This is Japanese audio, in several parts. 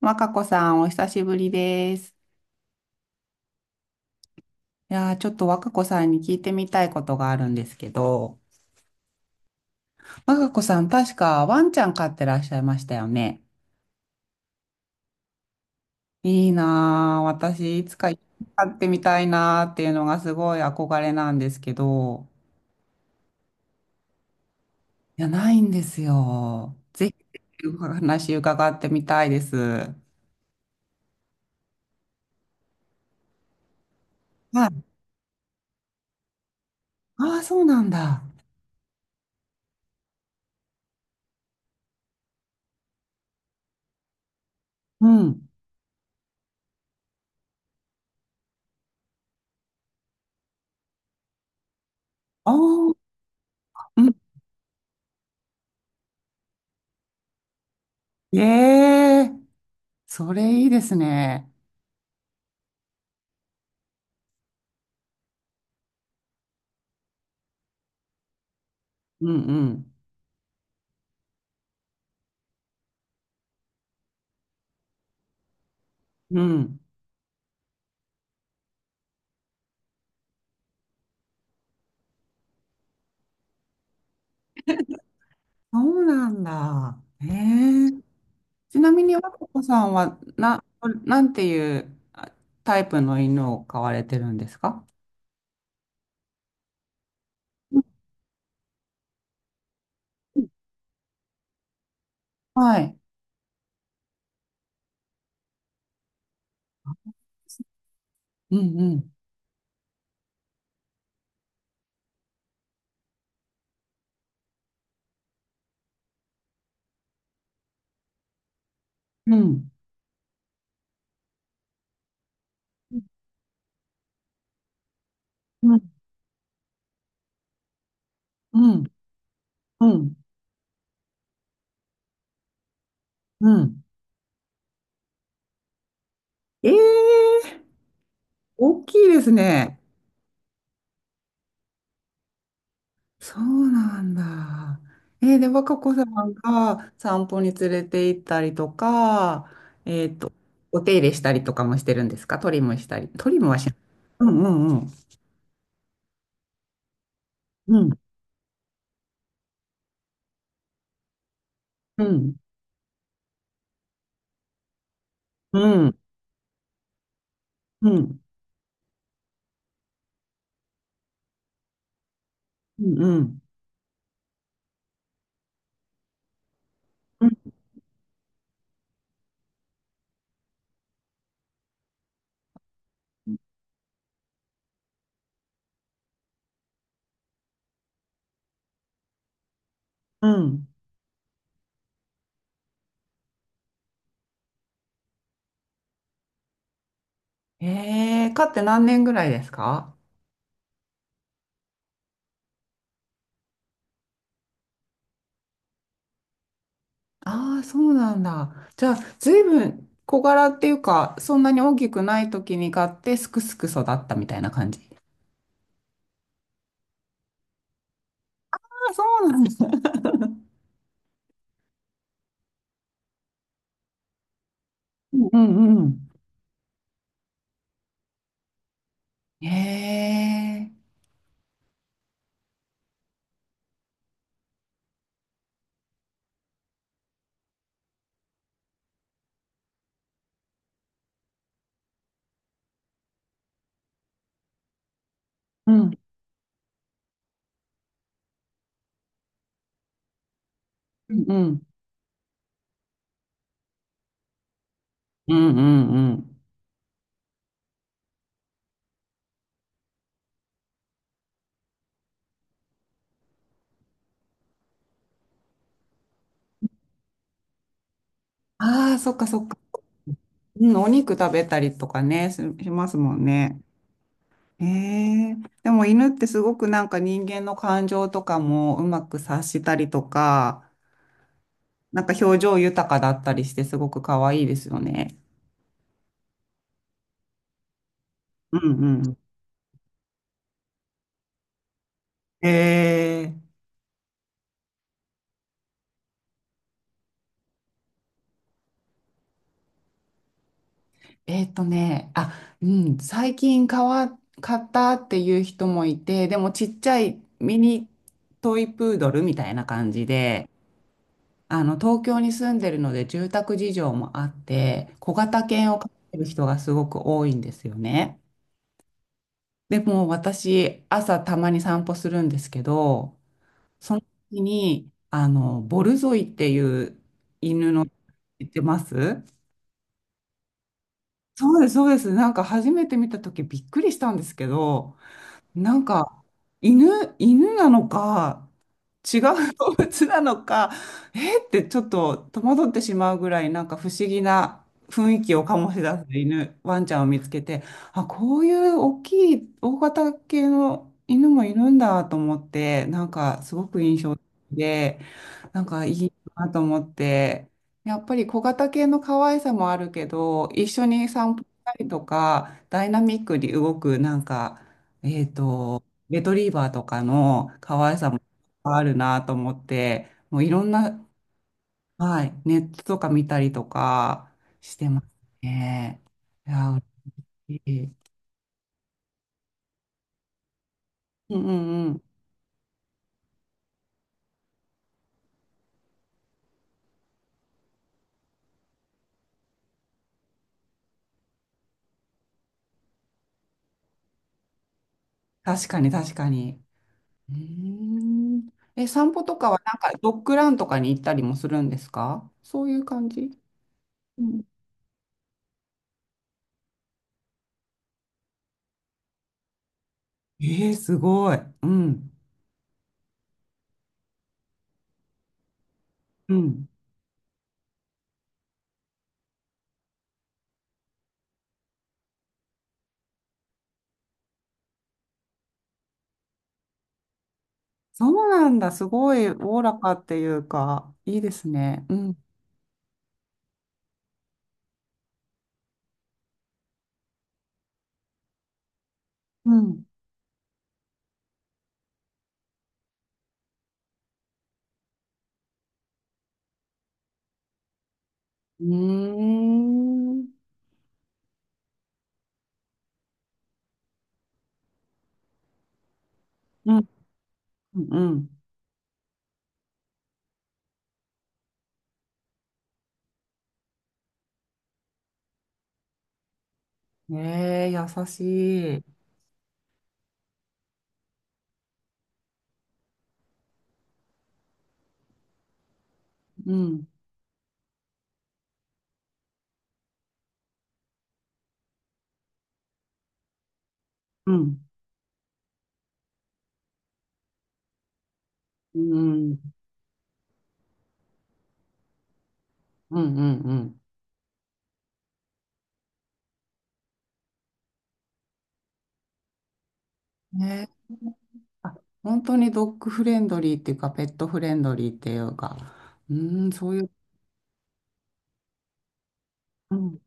若子さん、お久しぶりです。いやー、ちょっと若子さんに聞いてみたいことがあるんですけど、若子さん、確かワンちゃん飼ってらっしゃいましたよね。いいなー、私、いつか飼ってみたいなーっていうのがすごい憧れなんですけど、いや、ないんですよ。ぜひ、お話伺ってみたいです。はい。ああ、そうなんだ。うん。ああ、うん。ええ、それいいですね。うんうん。うん。そうなんだ。ええ。ちなみに、若子さんは、なんていうタイプの犬を飼われてるんですか？うんうん、はい。うんうん。うん。うんうん。うん。うん。ええ、大きいですね。そうなんだ。で、若子さんが散歩に連れて行ったりとか、えっと、お手入れしたりとかもしてるんですか？トリムしたり。トリムはしない。うんうんうん。うん、うん、うん、うん、うん、うん。飼って何年ぐらいですか？ああー、そうなんだ。じゃあ、ずいぶん小柄っていうか、そんなに大きくない時に飼って、すくすく育ったみたいな感じ。ああ、そうなんですね。うんうんうん。へえ、うんうんうんうんうんうん。ああ、そっかそっか。うん、お肉食べたりとかね、しますもんね。ええ、でも犬ってすごくなんか人間の感情とかもうまく察したりとか、なんか表情豊かだったりしてすごく可愛いですよね。うんうん。ええ、あ、うん、最近買ったっていう人もいて、でもちっちゃいミニトイプードルみたいな感じで、東京に住んでるので住宅事情もあって、小型犬を飼ってる人がすごく多いんですよね。でも私、朝たまに散歩するんですけど、その時に、ボルゾイっていう犬の、言ってます？そうです、そうです。なんか初めて見た時びっくりしたんですけど、なんか、犬、犬なのか、違う動物なのか、えーってちょっと戸惑ってしまうぐらい、なんか不思議な雰囲気を醸し出す犬、ワンちゃんを見つけて、あ、こういう大きい、大型系の犬もいるんだと思って、なんかすごく印象的で、なんかいいなと思って、やっぱり小型系の可愛さもあるけど、一緒に散歩したりとか、ダイナミックに動く、なんか、えっと、レトリーバーとかの可愛さもあるなと思って、もういろんな、はい、ネットとか見たりとかしてますね。いや、嬉しい。うんうんうん。確かに確かに。うーん。え、散歩とかはなんかドッグランとかに行ったりもするんですか？そういう感じ？うん。えー、すごい。うん。うん。そうなんだ。すごいおおらかっていうか、いいですね。うん。うん。うーん。うん。うん。ええ、優しい。うん、うん、うん、うん、うん。うん、ねえ、あ、本当にドッグフレンドリーっていうか、ペットフレンドリーっていうか、うーん、そういう、うん、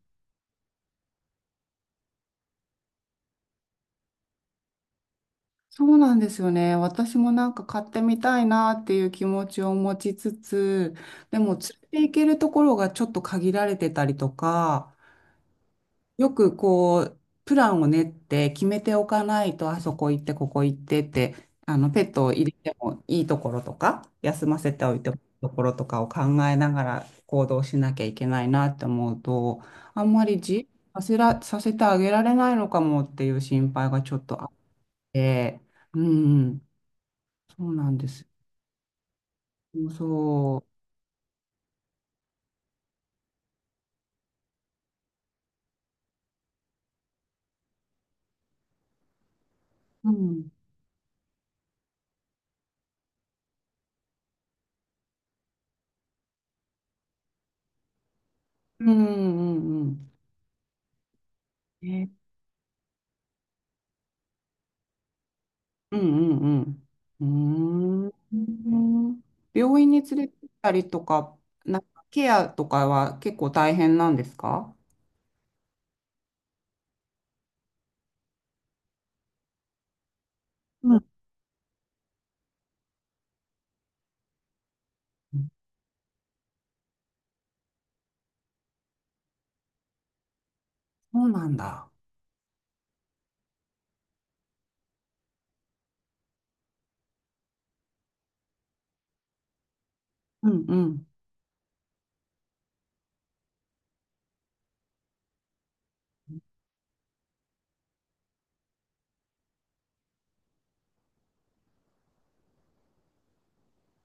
そうなんですよね。私もなんか買ってみたいなっていう気持ちを持ちつつ、でも連れて行けるところがちょっと限られてたりとか、よくこう、プランを練って決めておかないと、あそこ行って、ここ行ってって、ペットを入れてもいいところとか、休ませておいてもいいところとかを考えながら行動しなきゃいけないなって思うと、あんまり自由にさせてあげられないのかもっていう心配がちょっとあって、うん、そうなんです。そう。うん。うんうんうん。ね、うんうんうん。うーん。病院に連れてったりとか、なんかケアとかは結構大変なんですか？うん、そうなんだ。うんうん。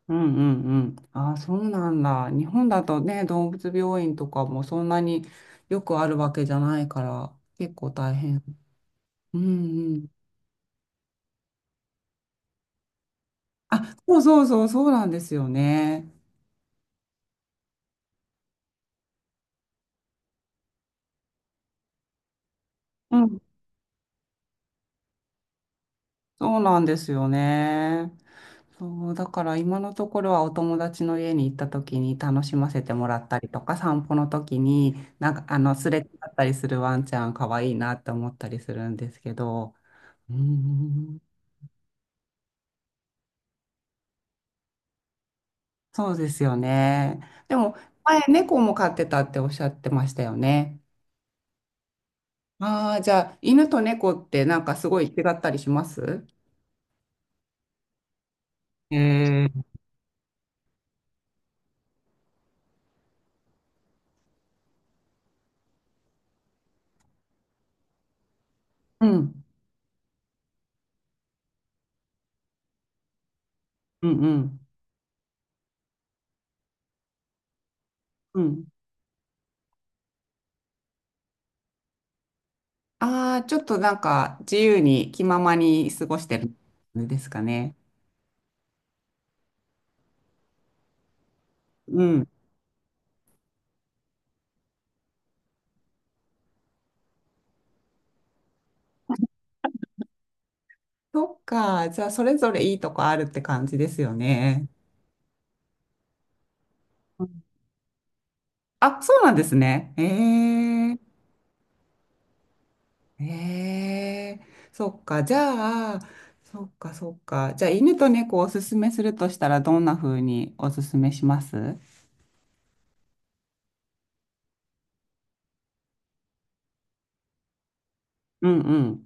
うんうんうん。ああ、そうなんだ。日本だとね、動物病院とかもそんなによくあるわけじゃないから、結構大変。うんうん。あ、そうそうそう、そうなんですよね。そうなんですよね。そう、だから今のところはお友達の家に行った時に楽しませてもらったりとか、散歩の時になんかあのすれ違ったりするワンちゃん可愛いなって思ったりするんですけど、うん、そうですよね。でも前猫も飼ってたっておっしゃってましたよね。ああ、じゃあ犬と猫ってなんかすごい違ったりします？えー、うん、うん、うん、うん。ああ、ちょっとなんか自由に気ままに過ごしてるんですかね。うん。そっか。じゃあ、それぞれいいとこあるって感じですよね。うん、あ、そうなんですね。ええ、ええ、そっか。じゃあ、そっか、そっか。じゃあ、犬と猫をおすすめするとしたら、どんな風におすすめします？うんうん。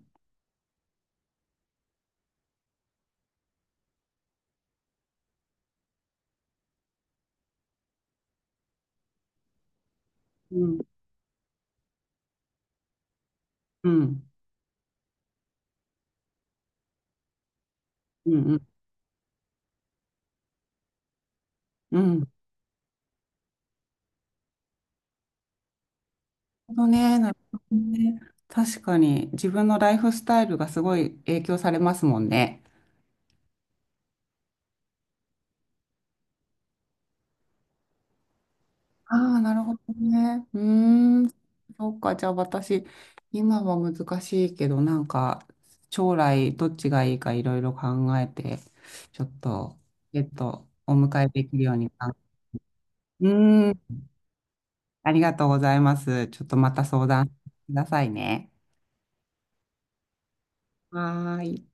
うん、うん、うん、うん、うん。ほどね、なるほどね。確かに自分のライフスタイルがすごい影響されますもんね。ああ、なるほどね。うーん、そうか。じゃあ私、今は難しいけど、なんか将来どっちがいいかいろいろ考えて、ちょっと、お迎えできるようにか。うーん、ありがとうございます。ちょっとまた相談くださいね。はーい。